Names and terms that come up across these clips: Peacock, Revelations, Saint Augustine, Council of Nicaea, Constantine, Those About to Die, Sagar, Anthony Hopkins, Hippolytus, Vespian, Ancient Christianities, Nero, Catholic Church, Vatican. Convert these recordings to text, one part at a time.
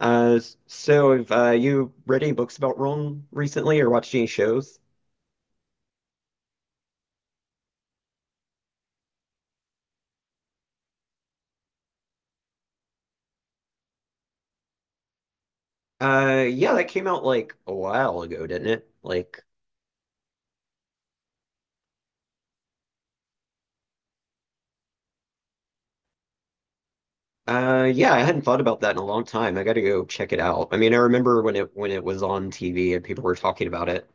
Uh, so have you read any books about Rome recently or watched any shows? Yeah, that came out like a while ago, didn't it? Like, yeah, I hadn't thought about that in a long time. I gotta go check it out. I mean, I remember when it was on TV and people were talking about it.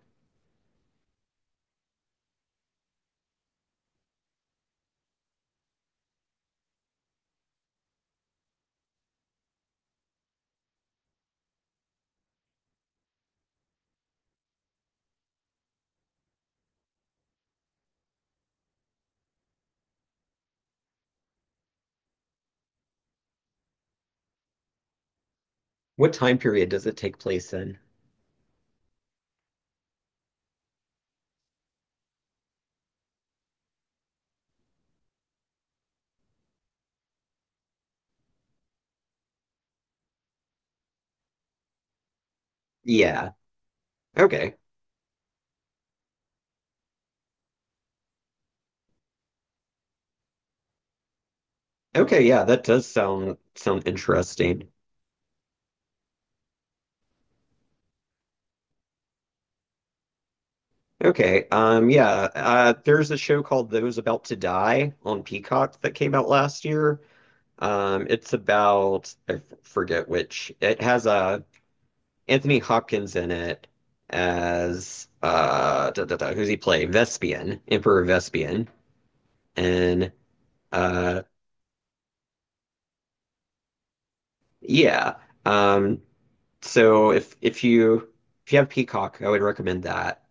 What time period does it take place in? Yeah. Okay. Okay, yeah, that does sound interesting. Okay, yeah, there's a show called Those About to Die on Peacock that came out last year. It's about forget which. It has Anthony Hopkins in it as da, da, da, who's he play? Vespian, Emperor Vespian, and uh yeah. Um, so if you have Peacock, I would recommend that.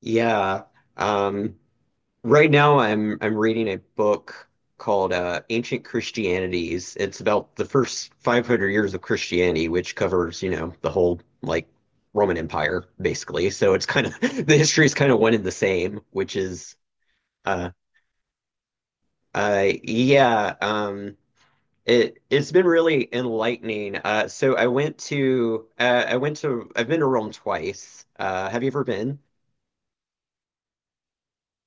Yeah. Um, Right now, I'm reading a book called Ancient Christianities. It's about the first 500 years of Christianity, which covers the whole like Roman Empire, basically. So it's kind of the history is kind of one and the same, which is uh yeah, it's been really enlightening. So I've been to Rome twice. Have you ever been?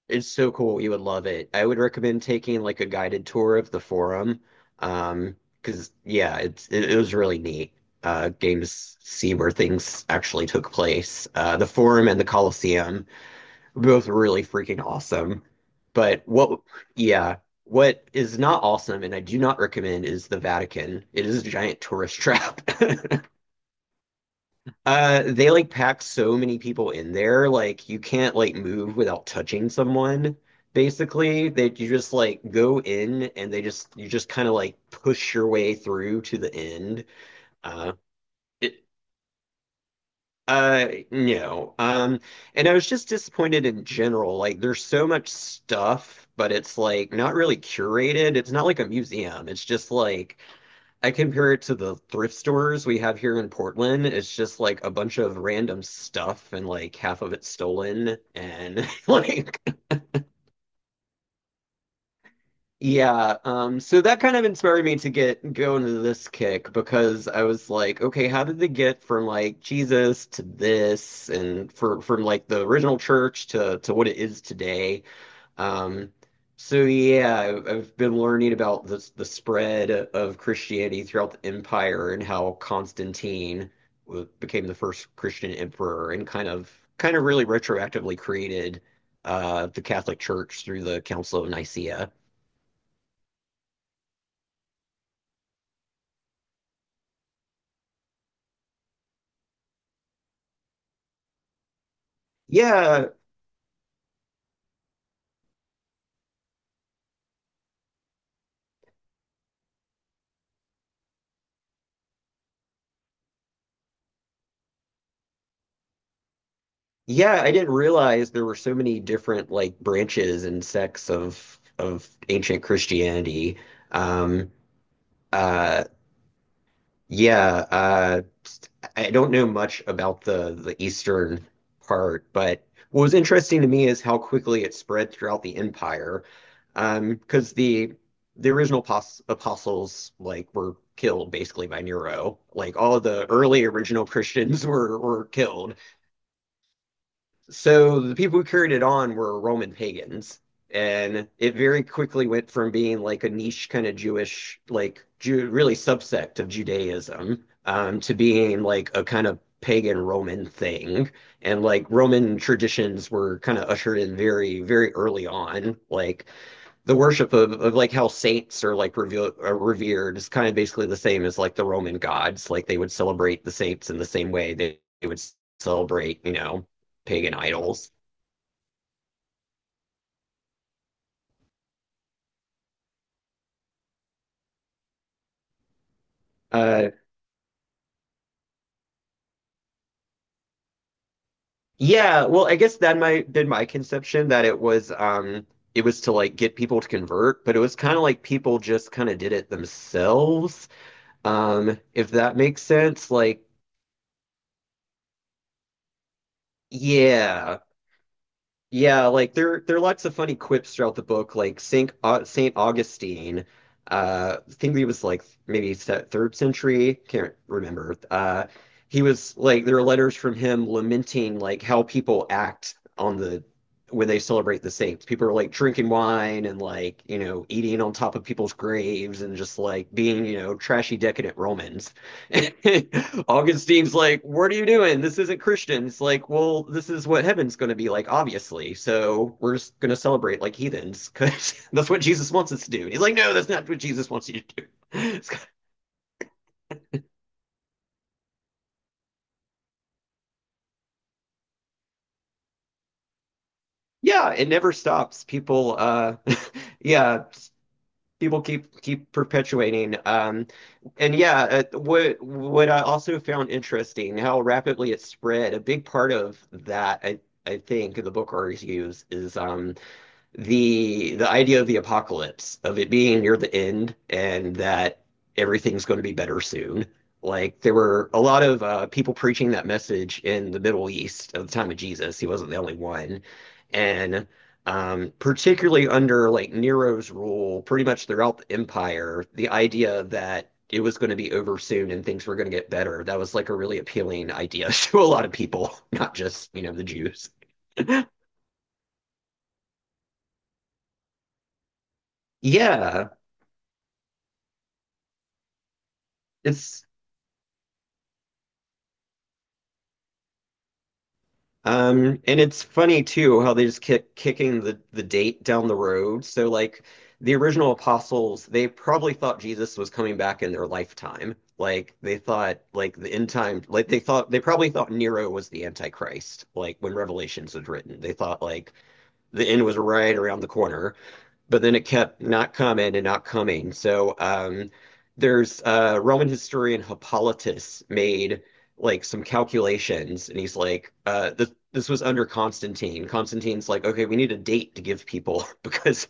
It's so cool. You would love it. I would recommend taking like a guided tour of the forum. Um, because yeah, it was really neat. Games see where things actually took place. The forum and the Colosseum, both really freaking awesome. But what, yeah, what is not awesome, and I do not recommend, is the Vatican. It is a giant tourist trap. They like pack so many people in there, like you can't like move without touching someone. Basically, that you just like go in and they just you just kind of like push your way through to the end. Uh, it, no. And I was just disappointed in general. Like there's so much stuff, but it's like not really curated. It's not like a museum. It's just like I compare it to the thrift stores we have here in Portland. It's just like a bunch of random stuff and like half of it stolen and like yeah, so that kind of inspired me to get go into this kick because I was like, okay, how did they get from like Jesus to this and for from like the original church to what it is today? Um. So yeah, I've been learning about the spread of Christianity throughout the empire and how Constantine became the first Christian emperor and kind of really retroactively created the Catholic Church through the Council of Nicaea. Yeah, yeah, I didn't realize there were so many different like branches and sects of ancient Christianity. Um, uh, yeah, I don't know much about the eastern part, but what was interesting to me is how quickly it spread throughout the empire. Because the original pos apostles like were killed basically by Nero. Like all the early original Christians were killed. So the people who carried it on were Roman pagans, and it very quickly went from being like a niche kind of Jewish, like really subsect of Judaism, to being like a kind of pagan Roman thing. And like Roman traditions were kind of ushered in very, very early on, like the worship of like how saints are revered is kind of basically the same as like the Roman gods. Like they would celebrate the saints in the same way they would celebrate pagan idols. Uh, yeah, well, I guess that my been my conception that it was to like get people to convert, but it was kind of like people just kind of did it themselves. If that makes sense, like yeah, yeah, like there are lots of funny quips throughout the book, like Saint Augustine. I think he was like maybe third century. Can't remember. He was like there are letters from him lamenting like how people act on the when they celebrate the saints. People are like drinking wine and like eating on top of people's graves and just like being trashy decadent Romans. Augustine's like, "What are you doing? This isn't Christian." It's like, "Well, this is what heaven's going to be like, obviously. So we're just going to celebrate like heathens because" "that's what Jesus wants us to do." And he's like, "No, that's not what Jesus wants you to do." It's- yeah, it never stops. Yeah, people keep perpetuating. And yeah, what I also found interesting how rapidly it spread. A big part of that, I think, in the book argues is the idea of the apocalypse, of it being near the end and that everything's going to be better soon. Like there were a lot of people preaching that message in the Middle East at the time of Jesus. He wasn't the only one, and particularly under like Nero's rule, pretty much throughout the empire, the idea that it was going to be over soon and things were going to get better, that was like a really appealing idea to a lot of people, not just the Jews. Yeah, it's And it's funny too how they just kicking the date down the road. So like the original apostles, they probably thought Jesus was coming back in their lifetime. Like they thought like the end time, like they probably thought Nero was the Antichrist. Like when Revelations was written, they thought like the end was right around the corner, but then it kept not coming and not coming. So there's Roman historian Hippolytus made like some calculations, and he's like, this was under Constantine. Constantine's like, okay, we need a date to give people because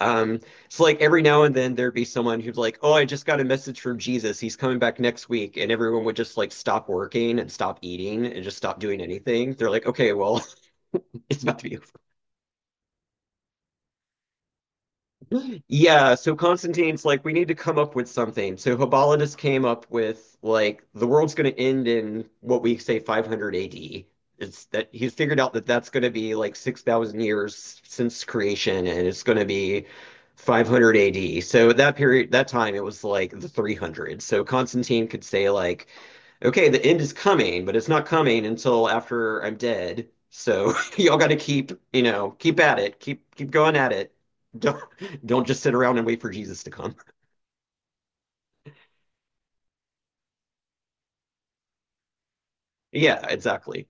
um, it's like every now and then there'd be someone who's like, oh, I just got a message from Jesus. He's coming back next week, and everyone would just like stop working and stop eating and just stop doing anything. They're like, okay, well, it's about to be yeah, so Constantine's like, we need to come up with something. So Hippolytus came up with like the world's going to end in what we say 500 AD. It's that he's figured out that that's going to be like 6,000 years since creation, and it's going to be 500 AD. So at that period, that time, it was like the 300. So Constantine could say like, okay, the end is coming, but it's not coming until after I'm dead. So y'all got to keep at it, keep going at it. Don't don't just sit around and wait for Jesus to come. Yeah, exactly.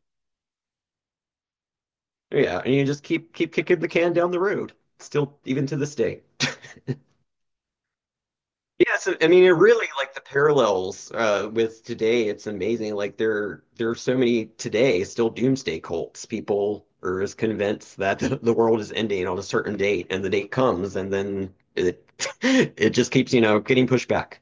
Yeah, and you just keep kicking the can down the road. Still, even to this day. Yeah, so I mean it really like the parallels with today. It's amazing. Like there are so many today still doomsday cults. People are as convinced that the world is ending on a certain date, and the date comes, and then it it just keeps getting pushed back.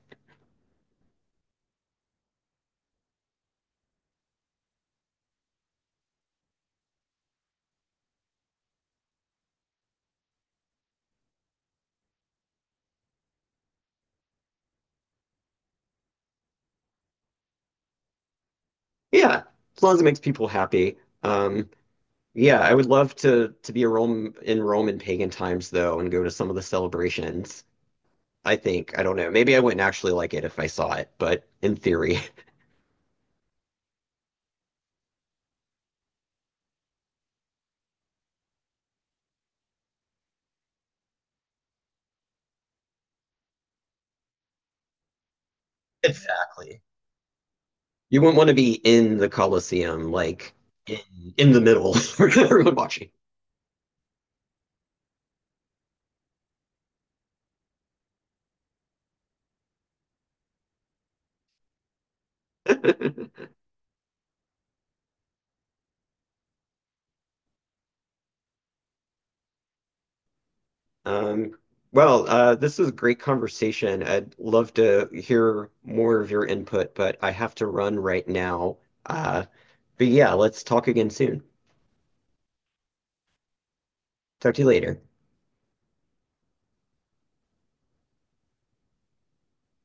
Yeah, as long as it makes people happy. Um, Yeah, I would love to be a Rome in Rome in pagan times though and go to some of the celebrations. I think, I don't know. Maybe I wouldn't actually like it if I saw it, but in theory, exactly. You wouldn't want to be in the Colosseum, like in, in the middle where everyone watching. Um, well, this is a great conversation. I'd love to hear more of your input, but I have to run right now. Uh, but yeah, let's talk again soon. Talk to you later.